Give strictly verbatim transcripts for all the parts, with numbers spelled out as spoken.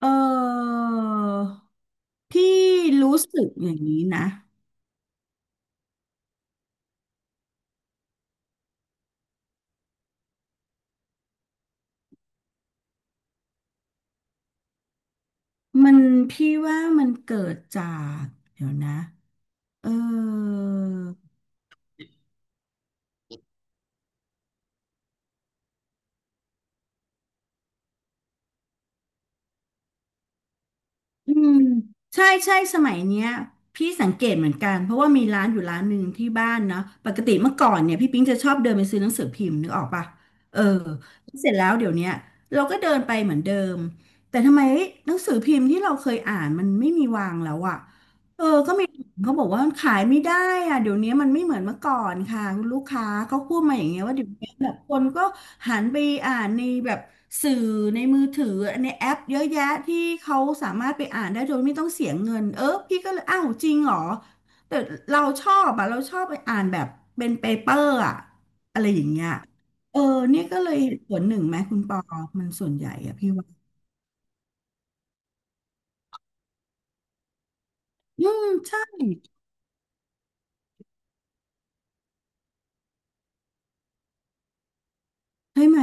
เออพี่รู้สึกอย่างนี้นะมันพี่ว่ามันเกิดจากเดี๋ยวนะเอออืมใช่ใช่สมัยเนี้ยพี่สังเกตเหมือนกันเพราะว่ามีร้านอยู่ร้านหนึ่งที่บ้านเนาะปกติเมื่อก่อนเนี่ยพี่ปิ๊งจะชอบเดินไปซื้อหนังสือพิมพ์นึกออกปะเออเสร็จแล้วเดี๋ยวเนี้ยเราก็เดินไปเหมือนเดิมแต่ทำไมหนังสือพิมพ์ที่เราเคยอ่านมันไม่มีวางแล้วอะ เออก็มีเขาบอกว่าขายไม่ได้อะเดี๋ยวนี้มันไม่เหมือนเมื่อก่อนค่ะคุณลูกค้าเขาพูดมาอย่างเงี้ยว่าเดี๋ยวนี้แบบคนก็หันไปอ่านในแบบสื่อในมือถือในแอปเยอะแยะที่เขาสามารถไปอ่านได้โดยไม่ต้องเสียเงินเออพี่ก็เลยอ้าวจริงเหรอแต่เราชอบอะเราชอบไปอ่านแบบเป็นเปเปอร์อะอะไรอย่างเงี้ยเออเนี่ยก็เลยเหตุผลหนึ่งไหมคุณปอมันส่วนใหญ่อะพี่ว่าอืมใช่ใช่ไหม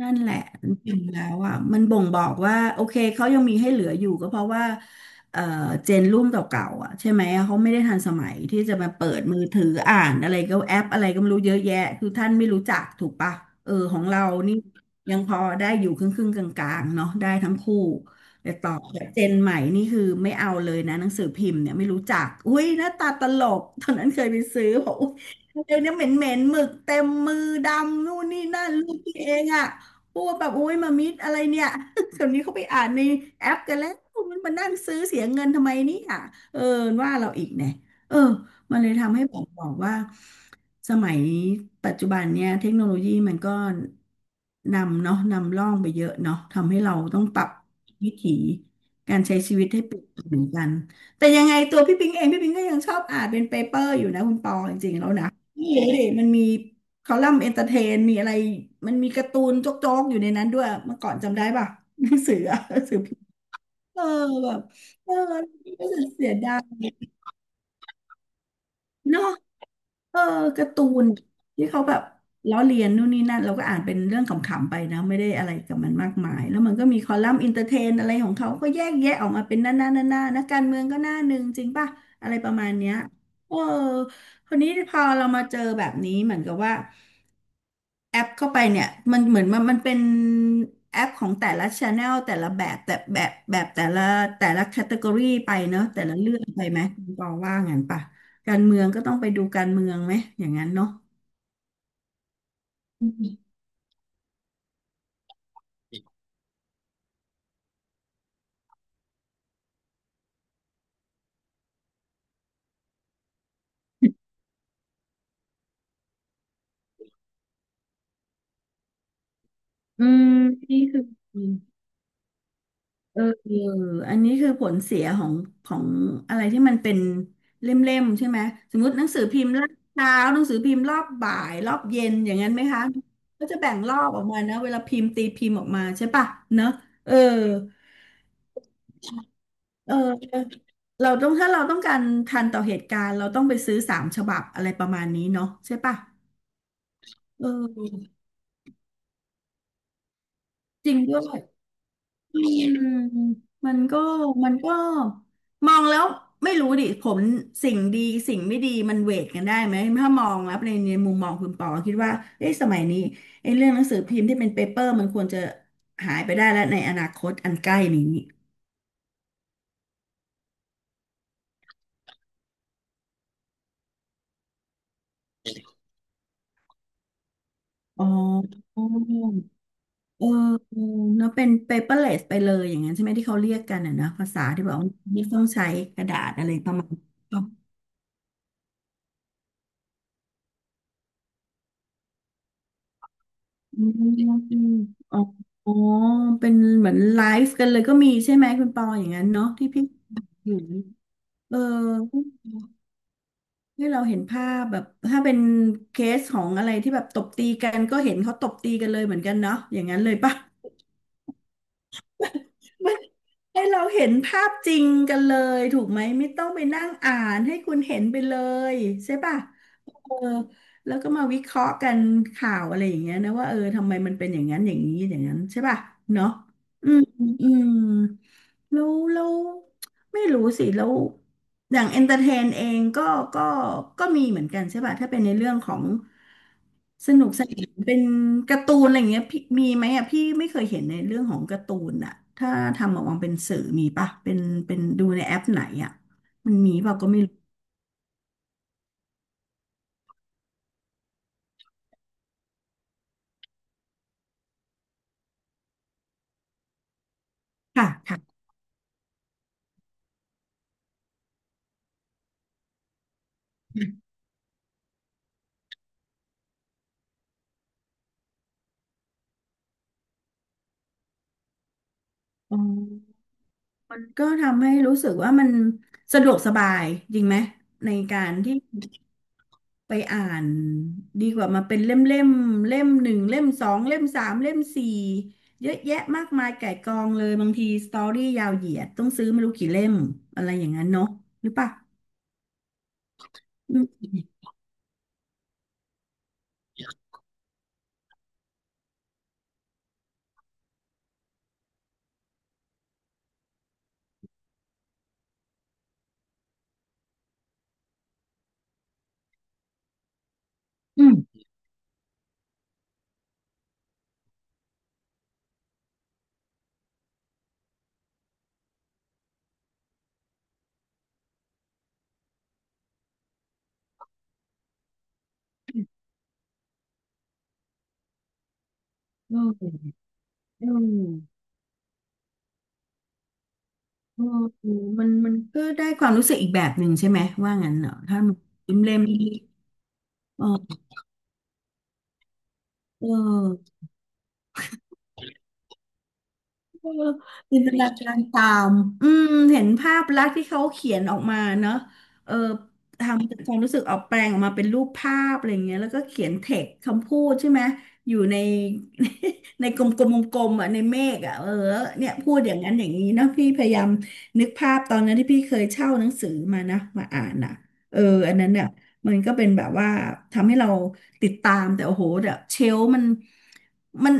นั่นแหละจริงๆแล้วอ่ะมันบ่งบอกว่าโอเคเขายังมีให้เหลืออยู่ก็เพราะว่าเอ่อเจนรุ่นเก่าๆอ่ะใช่ไหมเขาไม่ได้ทันสมัยที่จะมาเปิดมือถืออ่านอะไรก็แอปอะไรก็ไม่รู้เยอะแยะคือท่านไม่รู้จักถูกปะเออของเรานี่ยังพอได้อยู่ครึ่งๆกลางๆเนาะได้ทั้งคู่แต่ต่อแบบเจนใหม่นี่คือไม่เอาเลยนะหนังสือพิมพ์เนี่ยไม่รู้จักอุ้ยหน้าตาตลกตอนนั้นเคยไปซื้อบอกอุ๊ยเดี๋ยวนี้เหม็นเหม็นหมึกเต็มมือดำนู่นนี่นั่นลูกพี่เองอ่ะ ปูแบบโอ้ยมามิดอะไรเนี่ย เดี๋ยวนี้เขาไปอ่านในแอปกันแล้วมันมานั่งซื้อเสียเงินทำไมเนี่ยเออว่าเราอีกเนี่ยเออมันเลยทำให้ผมบอกว่าสมัยปัจจุบันเนี่ยเทคโนโลยีมันก็นำเนาะนำร่องไปเยอะเนาะทำให้เราต้องปรับวิถีการใช้ชีวิตให้เปลี่ยนไปเหมือนกันแต่ยังไงตัวพี่ปิงเองพี่ปิงก็ยังชอบอ่านเป็นเปเปอร์อยู่นะคุณปอจริงๆแล้วนะนี่ดูยมันมี คอลัมน์เอนเตอร์เทนมีอะไร มันมีการ์ตูนโจ๊กๆอยู่ในนั้นด้วยเมื่อก่อนจำได้ป่ะ หนังสืออะหนังสือพิมพ์เออแบบเออรู้สึกเสียดายเนาะเออการ์ตูนที่เขาแบบล้อเลียนนู่นนี่นั่นเราก็อ่านเป็นเรื่องขำๆไปนะไม่ได้อะไรกับมันมากมายแล้วมันก็มีคอลัมน์อินเตอร์เทนอะไรของเขา ก็แยกแยะออกมาเป็นหน้าหน้าหน้าหน้านักการเมืองก็หน้าหนึ่งจริงป่ะอะไรประมาณเนี้ยเออคนนี้พอเรามาเจอแบบนี้เหมือนกับว่า แอปเข้าไปเนี่ยมันเหมือนมันมันเป็นแอปของแต่ละชาน แนลแต่ละแบบแต่แบบแบบแต่ละแต่ละแคตตากรีไปเนอะแต่ละเรื่องไปไหมคุณปอว่างั้นป่ะการเมืองก็ต้องไปดูการเมืองไหมอย่างนั้นเนาะอืมนี่คือเออเอออันนี้คือผลเสียของของอะไรที่มันเป็นเล่มๆใช่ไหมสมมติหนังสือพิมพ์รอบเช้าหนังสือพิมพ์รอบบ่ายรอบเย็นอย่างนั้นไหมคะก็จะแบ่งรอบออกมานะเวลาพิมพ์ตีพิมพ์ออกมาใช่ปะเนอะเออ เออเราต้องถ้าเราต้องการทันต่อเหตุการณ์เราต้องไปซื้อสามฉบับอะไรประมาณนี้เนาะใช่ปะเออจริงด้วยอืมมันก็มันก็มองแล้วไม่รู้ดิผมสิ่งดีสิ่งไม่ดีมันเวทกันได้ไหมถ้ามองแล้วในในมุมมองคุณปอคิดว่าเอ้สมัยนี้ไอ้เรื่องหนังสือพิมพ์ที่เป็นเปเปอร์มันควรจะหายไปได้แล้วในอนาคตอันใกล้นี้อ๋อ เออเนาะเป็น เปเปอร์เลส ไปเลยอย่างนั้นใช่ไหมที่เขาเรียกกันอ่ะนะภาษาที่แบบว่าไม่ต้องใช้กระดาษอะไรประมาณอ๋ออืมอืมอ๋ออ๋อเป็นเหมือนไลฟ์กันเลยก็มีใช่ไหมคุณปออย่างนั้นเนาะที่พี่อยู่เออให้เราเห็นภาพแบบถ้าเป็นเคสของอะไรที่แบบตบตีกันก็เห็นเขาตบตีกันเลยเหมือนกันเนาะอย่างนั้นเลยปะไม่ ให้เราเห็นภาพจริงกันเลยถูกไหมไม่ต้องไปนั่งอ่านให้คุณเห็นไปเลยใช่ปะ เออแล้วก็มาวิเคราะห์กันข่าวอะไรอย่างเงี้ยนะว่าเออทำไมมันเป็นอย่างนั้นอย่างนี้อย่างนั้นใช่ป่ะเนาะอืมอืมแล้วแล้วไม่รู้สิแล้วอย่างเอนเตอร์เทนเองก็ก็ก็มีเหมือนกันใช่ป่ะถ้าเป็นในเรื่องของสนุกสนานเป็นการ์ตูนอะไรอย่างเงี้ยพี่มีไหมอ่ะพี่ไม่เคยเห็นในเรื่องของการ์ตูนอ่ะถ้าทำออกมาเป็นสื่อมีป่ะเป็นเป็นดูในแอปไหนอ่ะมันมีเปล่าก็ไม่รู้ค่ะค่ะ มันก็ทำให้รู้สึกว่ามันสะดวกสบายจริงไหมในการที่ไปอ่านดีกว่ามาเป็นเล่มเล่มเล่มหนึ่งเล่มสองเล่มสามเล่มสี่เยอะแยะมากมายไก่ายกองเลยบางทีสตอรี่ยาวเหยียดต้องซื้อไม่รู้กี่เล่มอะไรอย่างนั้นเนาะหรือเปะอืมอืมอืมอืมอืมมันมันก็ได้ความรู้สึกอีกแบบหนึ่งใช่ไหมว่างั้นเหรอถ้ามันเล่มเล่มนี้เออเออ เออจินตนาการตามอืมเห็นภาพลักษณ์ที่เขาเขียนออกมาเนอะเออทำจากความรู้สึกออกแปลงออกมาเป็นรูปภาพอะไรอย่างเงี้ยแล้วก็เขียนเทคคำพูดใช่ไหมอยู่ใน ในกลมๆกลมๆอ่ะในเมฆอ่ะเออเนี่ยพูดอย่างนั้นอย่างนี้เนอะพี่พยายามนึกภาพตอนนั้นที่พี่เคยเช่าหนังสือมานะมาอ่านอ่ะเอออันนั้นเนี่ยมันก็เป็นแบบว่าทำให้เราติดตามแต่โอ้โหแบบเชลฟ์มันมัน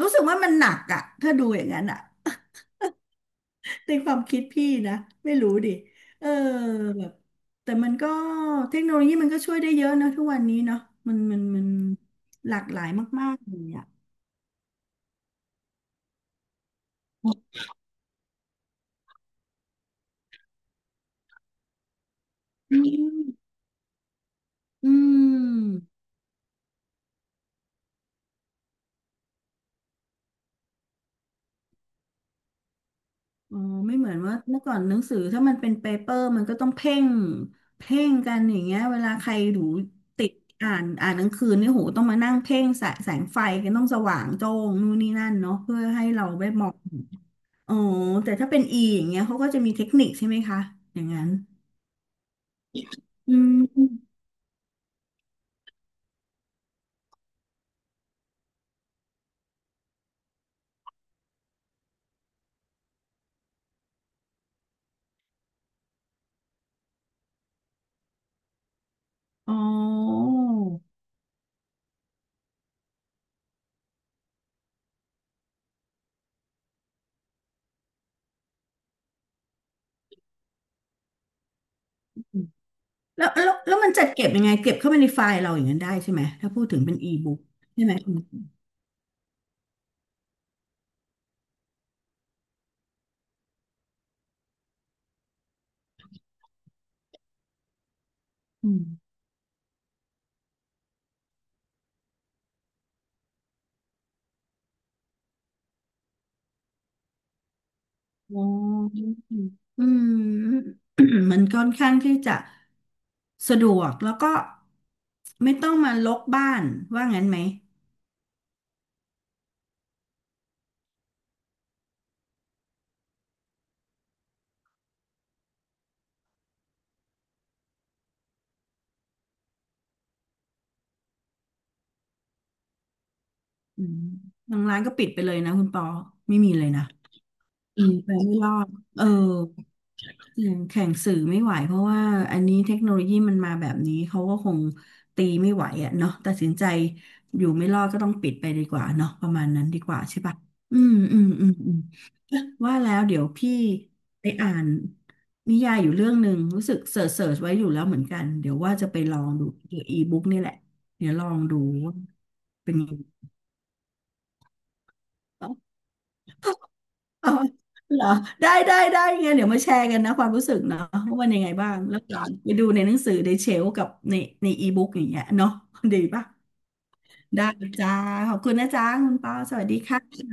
รู้สึกว่ามันหนักอ่ะถ้าดูอย่างนั้นอ่ะ ในความคิดพี่นะไม่รู้ดิเออแบบแต่มันก็เทคโนโลยีมันก็ช่วยได้เยอะนะทุกวันนี้เนาะมันมันมันหลากหลายมากๆเลยอ่ะอืมอืมอ๋อไม่เหมือนว่าเมื่อก่อนหนังสือถ้ามันเป็นเปเปอร์มันก็ต้องเพ่งเพ่งกันอย่างเงี้ยเวลาใครดูติดอ่านอ่านหนังสือเนี่ยโหต้องมานั่งเพ่งแสแสงไฟกันต้องสว่างโจ้งนู่นนี่นั่นเนาะเพื่อให้เราได้มองอ๋อแต่ถ้าเป็นอีอย่างเงี้ยเขาก็จะมีเทคนิคใช่ไหมคะอย่างนั้น อืมอ๋อแล้วแล้วแล้วมันจัดเก็บยังไงเก็บเข้าไปในไฟล์เราอย่างนั้นได้ใช่ไหมถ้าพูดถึงเป็นอีบุ๊กใช่ไหมอืมอืมอ๋ออืม มันค่อนข้างที่จะสะดวกแล้วก็ไม่ต้องมาลกบ้านว่างั้นไหมอืมทางร้านก็ปิดไปเลยนะคุณปอไม่มีเลยนะอืมไปไม่รอดเออ เสียงแข่งสื่อไม่ไหวเพราะว่าอันนี้เทคโนโลยีมันมาแบบนี้เขาก็คงตีไม่ไหวอ่ะเนาะตัดสินใจอยู่ไม่รอดก็ต้องปิดไปดีกว่าเนาะประมาณนั้นดีกว่าใช่ปะอืมอืมอืมอืมว่าแล้วเดี๋ยวพี่ไปอ่านนิยายอยู่เรื่องหนึ่งรู้สึกเสิร์ชเสิร์ชไว้อยู่แล้วเหมือนกันเดี๋ยวว่าจะไปลองดูเกี่ยวอีบุ๊กนี่แหละเดี๋ยวลองดูว่าเป็นยังไง อ๋อเหรอได้ได้ได้ไงนเดี๋ยวมาแชร์กันนะความรู้สึกเนาะว่ามันยังไงบ้างแล้วก็ไปดูในหนังสือในเชลฟ์กับในในอีบุ๊กอย่างเงี้ยเนาะดีป่ะได้จ้าขอบคุณนะจ้าคุณปอสวัสดีค่ะ